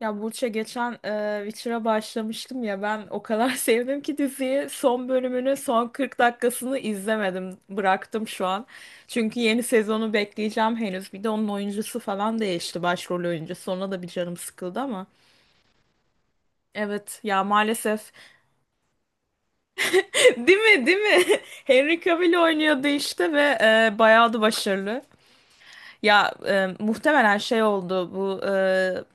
Ya Burç'a geçen Witcher'a başlamıştım ya ben o kadar sevdim ki diziyi son bölümünü son 40 dakikasını izlemedim bıraktım şu an. Çünkü yeni sezonu bekleyeceğim henüz bir de onun oyuncusu falan değişti başrol oyuncusu ona da bir canım sıkıldı ama. Evet ya maalesef. Değil mi, değil mi? Henry Cavill oynuyordu işte ve bayağı da başarılı. Ya muhtemelen şey oldu bu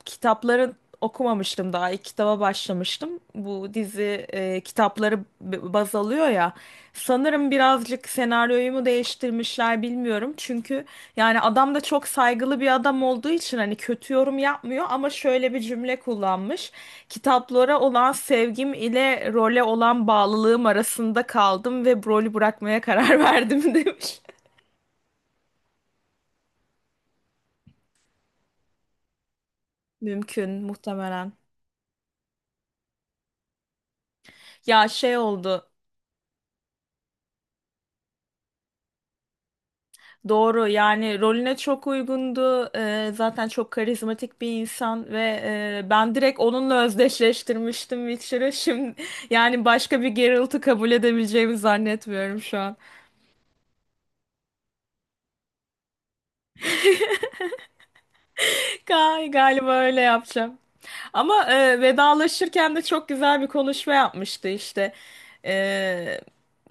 kitapları okumamıştım daha ilk kitaba başlamıştım. Bu dizi kitapları baz alıyor ya. Sanırım birazcık senaryoyu mu değiştirmişler bilmiyorum. Çünkü yani adam da çok saygılı bir adam olduğu için hani kötü yorum yapmıyor ama şöyle bir cümle kullanmış. Kitaplara olan sevgim ile role olan bağlılığım arasında kaldım ve rolü bırakmaya karar verdim demiş. Mümkün, muhtemelen. Ya şey oldu. Doğru yani rolüne çok uygundu. Zaten çok karizmatik bir insan ve ben direkt onunla özdeşleştirmiştim Witcher'ı. Şimdi yani başka bir Geralt'ı kabul edebileceğimi zannetmiyorum şu an. Galiba öyle yapacağım. Ama vedalaşırken de çok güzel bir konuşma yapmıştı işte. E,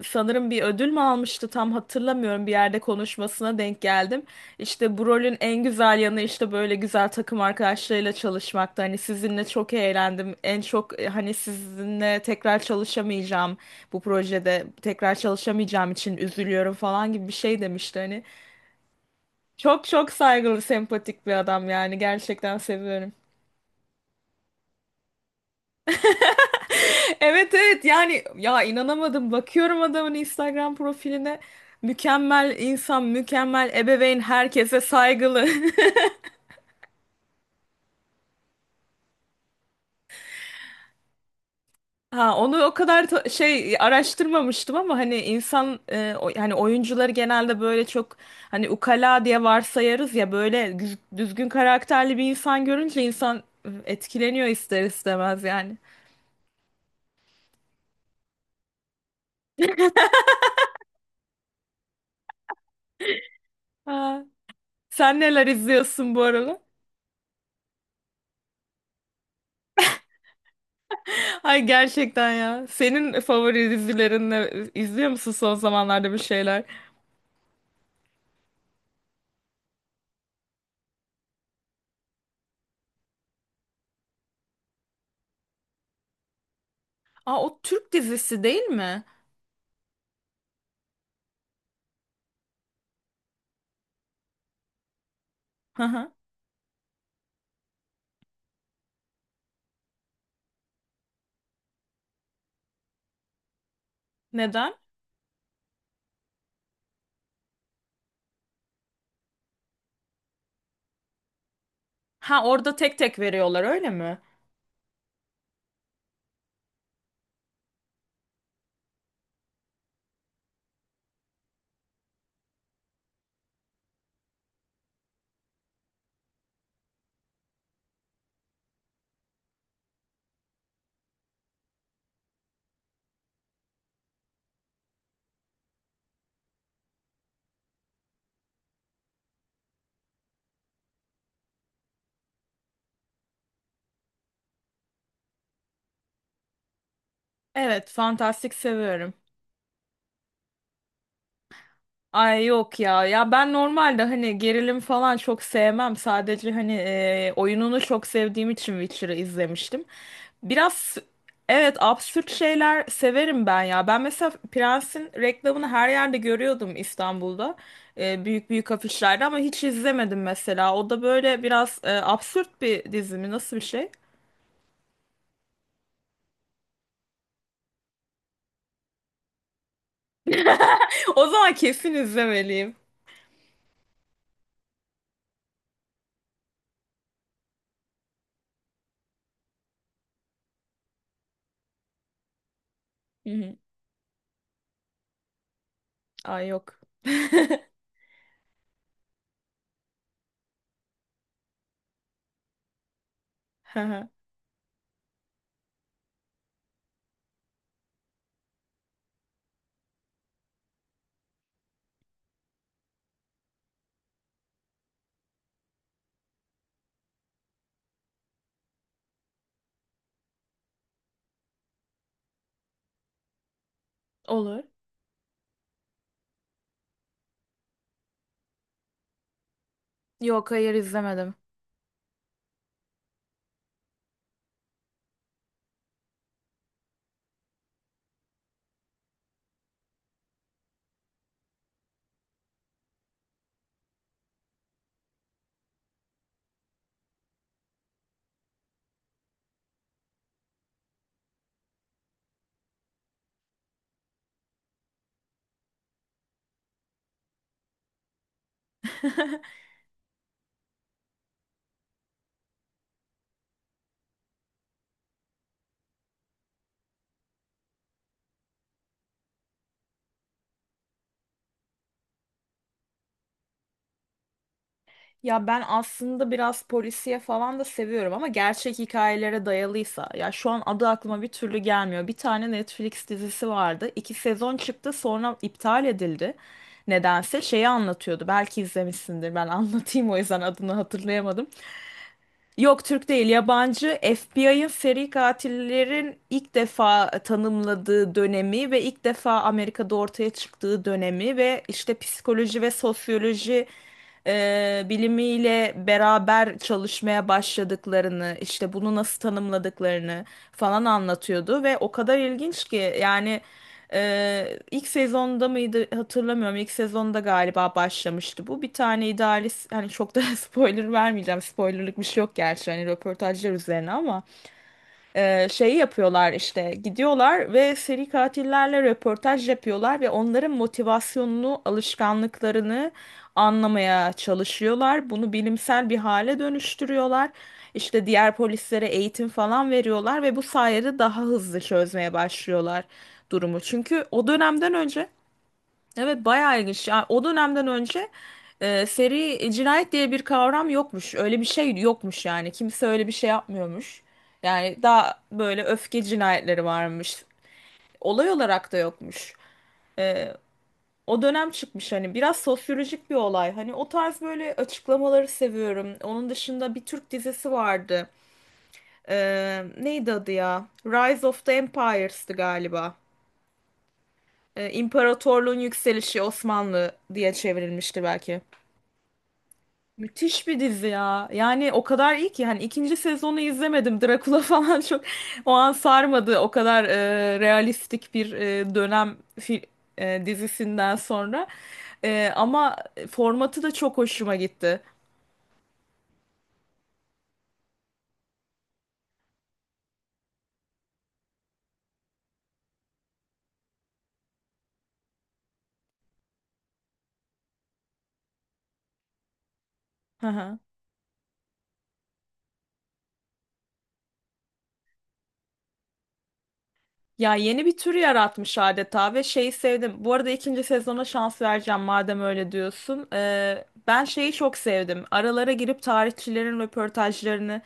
Sanırım bir ödül mü almıştı tam hatırlamıyorum, bir yerde konuşmasına denk geldim. İşte bu rolün en güzel yanı işte böyle güzel takım arkadaşlarıyla çalışmakta. Hani sizinle çok eğlendim. En çok hani sizinle tekrar çalışamayacağım bu projede tekrar çalışamayacağım için üzülüyorum falan gibi bir şey demişti hani. Çok çok saygılı, sempatik bir adam yani gerçekten seviyorum. Evet evet, yani ya inanamadım, bakıyorum adamın Instagram profiline, mükemmel insan, mükemmel ebeveyn, herkese saygılı. Ha onu o kadar şey araştırmamıştım ama hani insan hani oyuncuları genelde böyle çok hani ukala diye varsayarız ya, böyle düzgün karakterli bir insan görünce insan etkileniyor ister istemez yani. Ha, sen neler izliyorsun bu aralar? Ay gerçekten ya. Senin favori dizilerin ne? İzliyor musun son zamanlarda bir şeyler? Aa, o Türk dizisi değil mi? Hı hı. Neden? Ha orada tek tek veriyorlar, öyle mi? Evet, fantastik seviyorum. Ay yok ya. Ya ben normalde hani gerilim falan çok sevmem. Sadece hani oyununu çok sevdiğim için Witcher'ı izlemiştim. Biraz, evet, absürt şeyler severim ben ya. Ben mesela Prens'in reklamını her yerde görüyordum İstanbul'da. E, büyük büyük afişlerde ama hiç izlemedim mesela. O da böyle biraz absürt bir dizi mi? Nasıl bir şey? O zaman kesin izlemeliyim. Hı hı. Ay yok. Hı hı. Olur. Yok, hayır, izlemedim. Ya ben aslında biraz polisiye falan da seviyorum ama gerçek hikayelere dayalıysa. Ya şu an adı aklıma bir türlü gelmiyor. Bir tane Netflix dizisi vardı. İki sezon çıktı sonra iptal edildi. Nedense şeyi anlatıyordu. Belki izlemişsindir. Ben anlatayım o yüzden adını hatırlayamadım. Yok, Türk değil, yabancı. FBI'ın seri katillerin ilk defa tanımladığı dönemi ve ilk defa Amerika'da ortaya çıktığı dönemi ve işte psikoloji ve sosyoloji bilimiyle beraber çalışmaya başladıklarını, işte bunu nasıl tanımladıklarını falan anlatıyordu ve o kadar ilginç ki yani. İlk sezonda mıydı hatırlamıyorum. İlk sezonda galiba başlamıştı bu. Bir tane idealist, hani çok da spoiler vermeyeceğim. Spoilerlık bir şey yok gerçi, hani röportajlar üzerine ama şeyi yapıyorlar işte, gidiyorlar ve seri katillerle röportaj yapıyorlar ve onların motivasyonunu, alışkanlıklarını anlamaya çalışıyorlar. Bunu bilimsel bir hale dönüştürüyorlar. İşte diğer polislere eğitim falan veriyorlar ve bu sayede daha hızlı çözmeye başlıyorlar durumu. Çünkü o dönemden önce... Evet bayağı ilginç. Ya o dönemden önce seri cinayet diye bir kavram yokmuş. Öyle bir şey yokmuş yani. Kimse öyle bir şey yapmıyormuş. Yani daha böyle öfke cinayetleri varmış. Olay olarak da yokmuş. E, O dönem çıkmış hani, biraz sosyolojik bir olay. Hani o tarz böyle açıklamaları seviyorum. Onun dışında bir Türk dizisi vardı. E, neydi adı ya? Rise of the Empires'tı galiba. E, İmparatorluğun Yükselişi Osmanlı diye çevrilmişti belki. Müthiş bir dizi ya. Yani o kadar iyi ki hani ikinci sezonu izlemedim. Drakula falan çok o an sarmadı. O kadar realistik bir dönem dizisinden sonra. E, ama formatı da çok hoşuma gitti. Ya yeni bir tür yaratmış adeta ve şeyi sevdim. Bu arada ikinci sezona şans vereceğim madem öyle diyorsun. Ben şeyi çok sevdim. Aralara girip tarihçilerin röportajlarını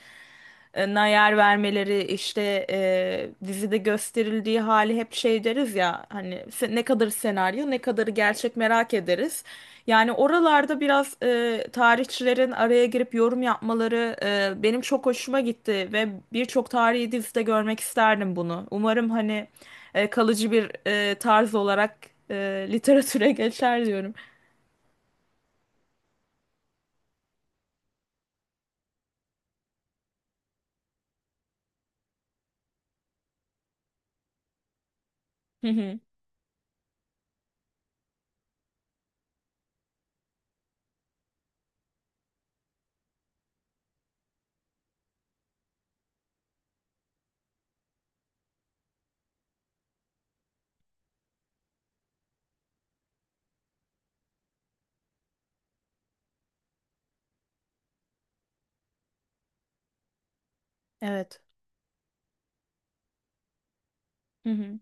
e, na yer vermeleri, işte dizide gösterildiği hali, hep şey deriz ya hani ne kadarı senaryo ne kadarı gerçek merak ederiz. Yani oralarda biraz tarihçilerin araya girip yorum yapmaları benim çok hoşuma gitti ve birçok tarihi dizide görmek isterdim bunu. Umarım hani kalıcı bir tarz olarak e, literatüre geçer diyorum. Hı hı. Evet. Hı hı.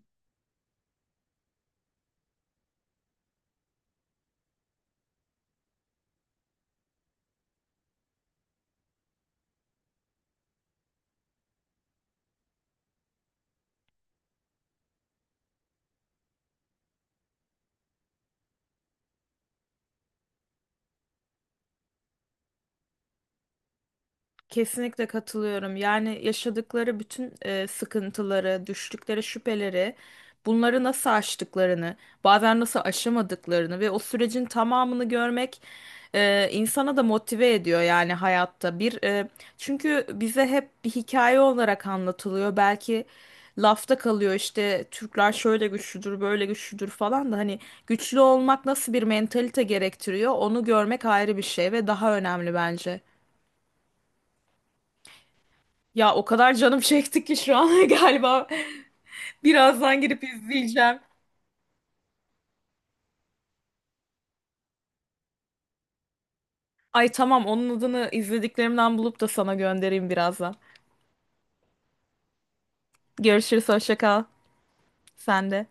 Kesinlikle katılıyorum. Yani yaşadıkları bütün sıkıntıları, düştükleri şüpheleri, bunları nasıl aştıklarını, bazen nasıl aşamadıklarını ve o sürecin tamamını görmek insana da motive ediyor yani hayatta. Çünkü bize hep bir hikaye olarak anlatılıyor. Belki lafta kalıyor, işte Türkler şöyle güçlüdür, böyle güçlüdür falan da, hani güçlü olmak nasıl bir mentalite gerektiriyor onu görmek ayrı bir şey ve daha önemli bence. Ya o kadar canım çekti ki şu an galiba birazdan girip izleyeceğim. Ay tamam, onun adını izlediklerimden bulup da sana göndereyim birazdan. Görüşürüz, hoşça kal. Sen de.